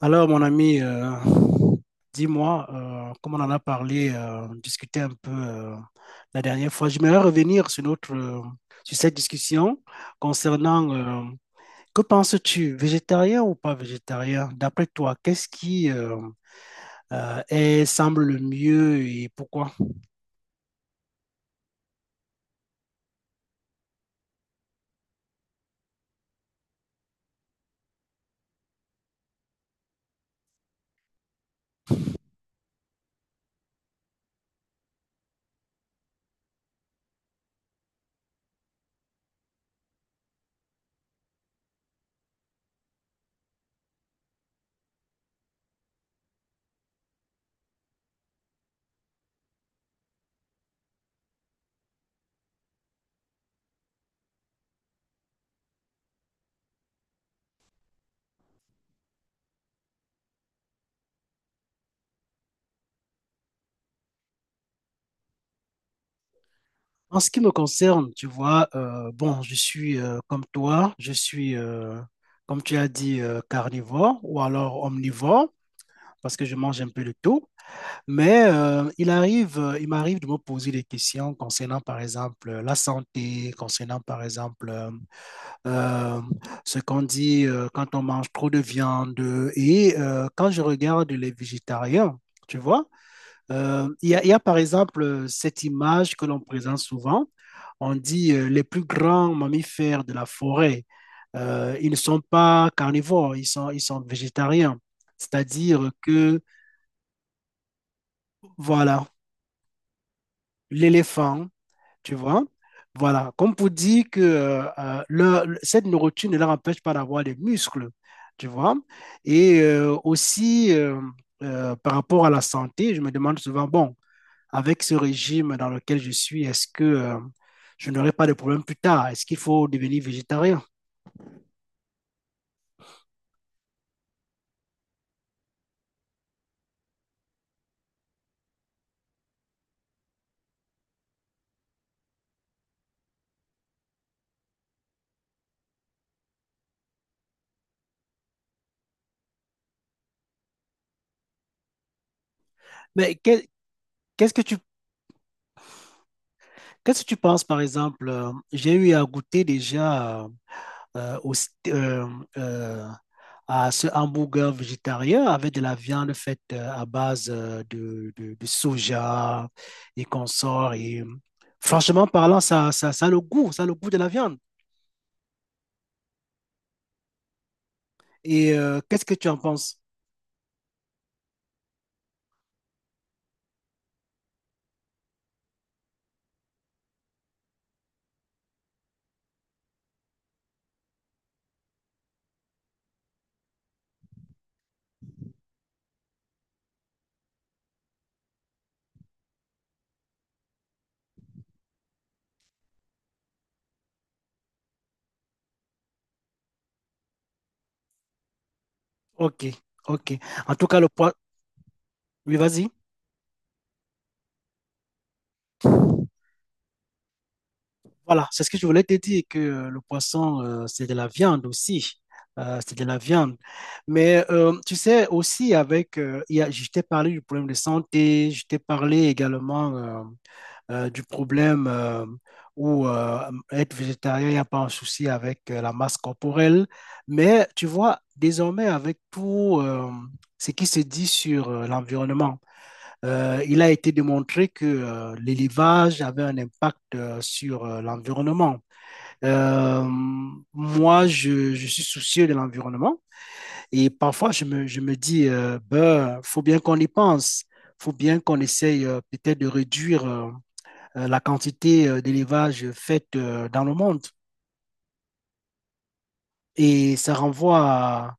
Alors, mon ami, dis-moi, comme on en a parlé, discuté un peu la dernière fois, j'aimerais revenir sur notre, sur cette discussion concernant, que penses-tu, végétarien ou pas végétarien? D'après toi, qu'est-ce qui est, semble le mieux et pourquoi? En ce qui me concerne, tu vois, bon, je suis comme toi, je suis, comme tu as dit, carnivore ou alors omnivore, parce que je mange un peu de tout. Mais il arrive, il m'arrive de me poser des questions concernant, par exemple, la santé, concernant, par exemple, euh, ce qu'on dit quand on mange trop de viande. Et quand je regarde les végétariens, tu vois, il y a, par exemple, cette image que l'on présente souvent. On dit les plus grands mammifères de la forêt, ils ne sont pas carnivores, ils sont végétariens. C'est-à-dire que, voilà, l'éléphant. Tu vois. Voilà, comme pour dire que cette nourriture ne leur empêche pas d'avoir des muscles, tu vois. Et aussi, par rapport à la santé, je me demande souvent, bon, avec ce régime dans lequel je suis, est-ce que je n'aurai pas de problème plus tard? Est-ce qu'il faut devenir végétarien? Mais que- qu'est-ce que tu, qu'est-ce que tu penses, par exemple? J'ai eu à goûter déjà. Euh, au- st- euh, euh, à ce hamburger végétarien avec de la viande faite à base de soja et consorts. Et franchement parlant, ça a le goût, ça a le goût de la viande. Et qu'est-ce que tu en penses? Ok, ok. En tout cas, le poids. Oui, vas-y. Voilà, c'est ce que je voulais te dire, que le poisson, c'est de la viande aussi. C'est de la viande. Mais tu sais, aussi, je t'ai parlé du problème de santé, je t'ai parlé également du problème où être végétarien, il n'y a pas un souci avec la masse corporelle. Mais tu vois, désormais, avec tout ce qui se dit sur l'environnement, il a été démontré que l'élevage avait un impact sur l'environnement. Euh, moi, je suis soucieux de l'environnement et parfois je me dis, ben, faut bien qu'on y pense, faut bien qu'on essaye peut-être de réduire la quantité d'élevage faite dans le monde. Et ça renvoie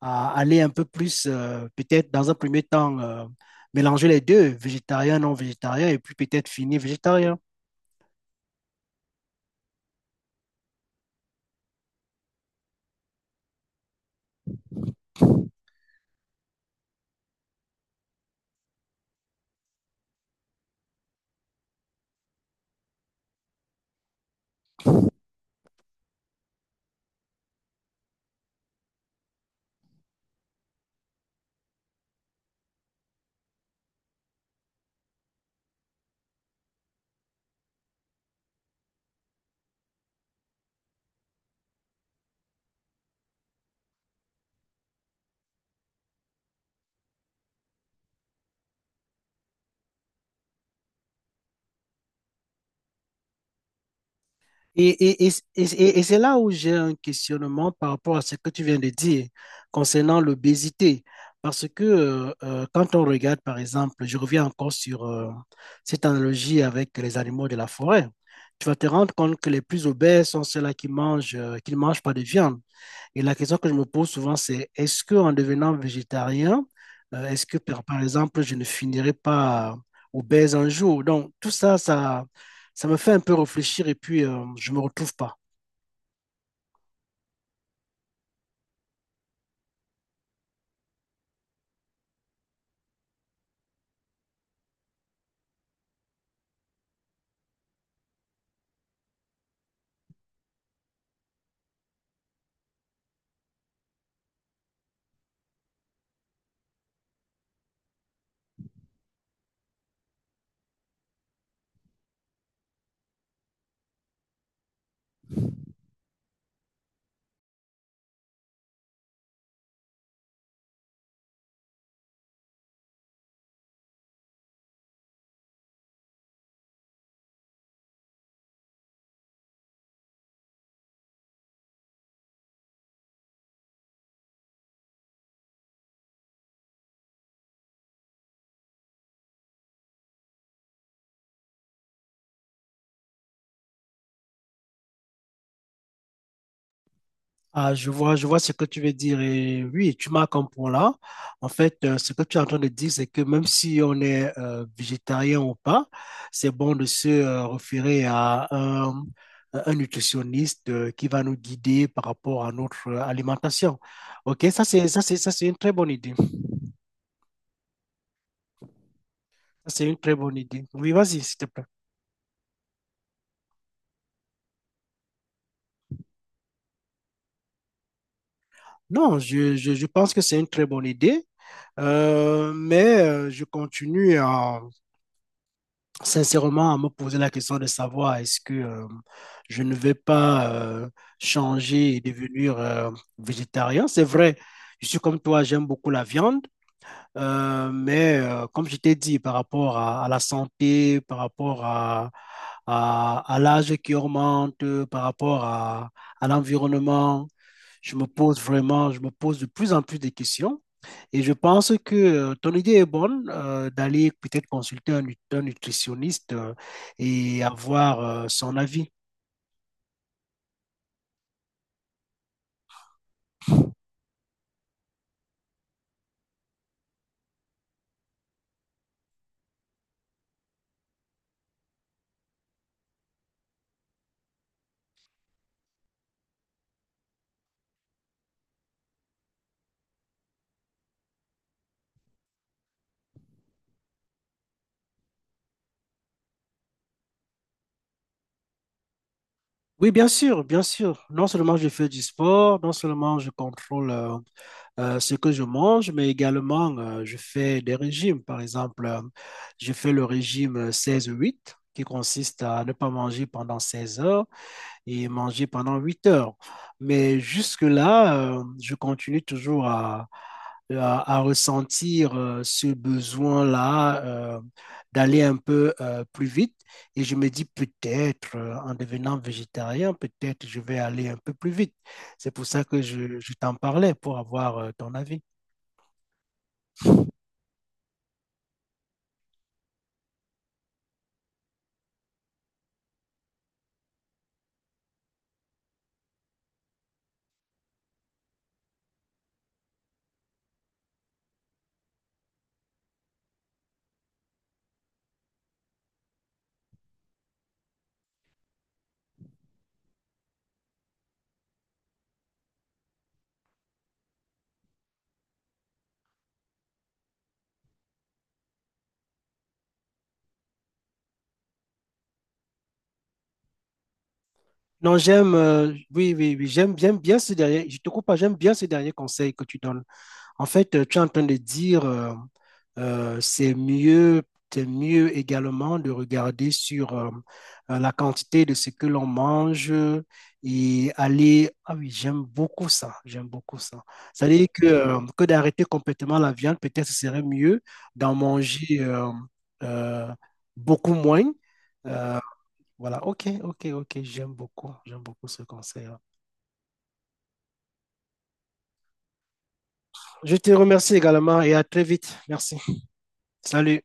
à aller un peu plus, peut-être dans un premier temps, mélanger les deux, végétarien, non végétarien, et puis peut-être finir végétarien. Et, et c'est là où j'ai un questionnement par rapport à ce que tu viens de dire concernant l'obésité. Parce que quand on regarde, par exemple, je reviens encore sur cette analogie avec les animaux de la forêt, tu vas te rendre compte que les plus obèses sont ceux-là qui ne mangent pas de viande. Et la question que je me pose souvent, c'est est-ce que en devenant végétarien, est-ce que par exemple, je ne finirai pas obèse un jour? Donc, tout ça, ça me fait un peu réfléchir et puis je ne me retrouve pas. Ah, je vois ce que tu veux dire. Et oui, tu marques un point là. En fait, ce que tu es en train de dire, c'est que même si on est végétarien ou pas, c'est bon de se référer à un nutritionniste qui va nous guider par rapport à notre alimentation. OK, ça c'est une très bonne idée. Ça, c'est une très bonne idée. Oui, vas-y, s'il te plaît. Non, je pense que c'est une très bonne idée. Mais je continue à sincèrement à me poser la question de savoir est-ce que je ne vais pas changer et devenir végétarien. C'est vrai, je suis comme toi, j'aime beaucoup la viande. Mais comme je t'ai dit, par rapport à la santé, par rapport à, à l'âge qui augmente, par rapport à l'environnement, je me pose de plus en plus de questions. Et je pense que ton idée est bonne d'aller peut-être consulter un nutritionniste et avoir son avis. Oui, bien sûr, bien sûr. Non seulement je fais du sport, non seulement je contrôle ce que je mange, mais également je fais des régimes. Par exemple, je fais le régime 16-8 qui consiste à ne pas manger pendant 16 heures et manger pendant 8 heures. Mais jusque-là, je continue toujours à, à ressentir ce besoin-là d'aller un peu plus vite. Et je me dis peut-être, en devenant végétarien, peut-être je vais aller un peu plus vite. C'est pour ça que je t'en parlais, pour avoir ton avis. Non, oui, oui, oui, j'aime bien ce dernier, je te coupe pas, j'aime bien ce dernier conseil que tu donnes. En fait, tu es en train de dire, euh, c'est mieux, c'est mieux également de regarder sur la quantité de ce que l'on mange et aller. Ah oui, j'aime beaucoup ça, j'aime beaucoup ça. C'est-à-dire que d'arrêter complètement la viande, peut-être ce serait mieux d'en manger euh, beaucoup moins. Euh, voilà, ok, ok, ok, j'aime beaucoup ce conseil-là. Je te remercie également et à très vite. Merci. Salut.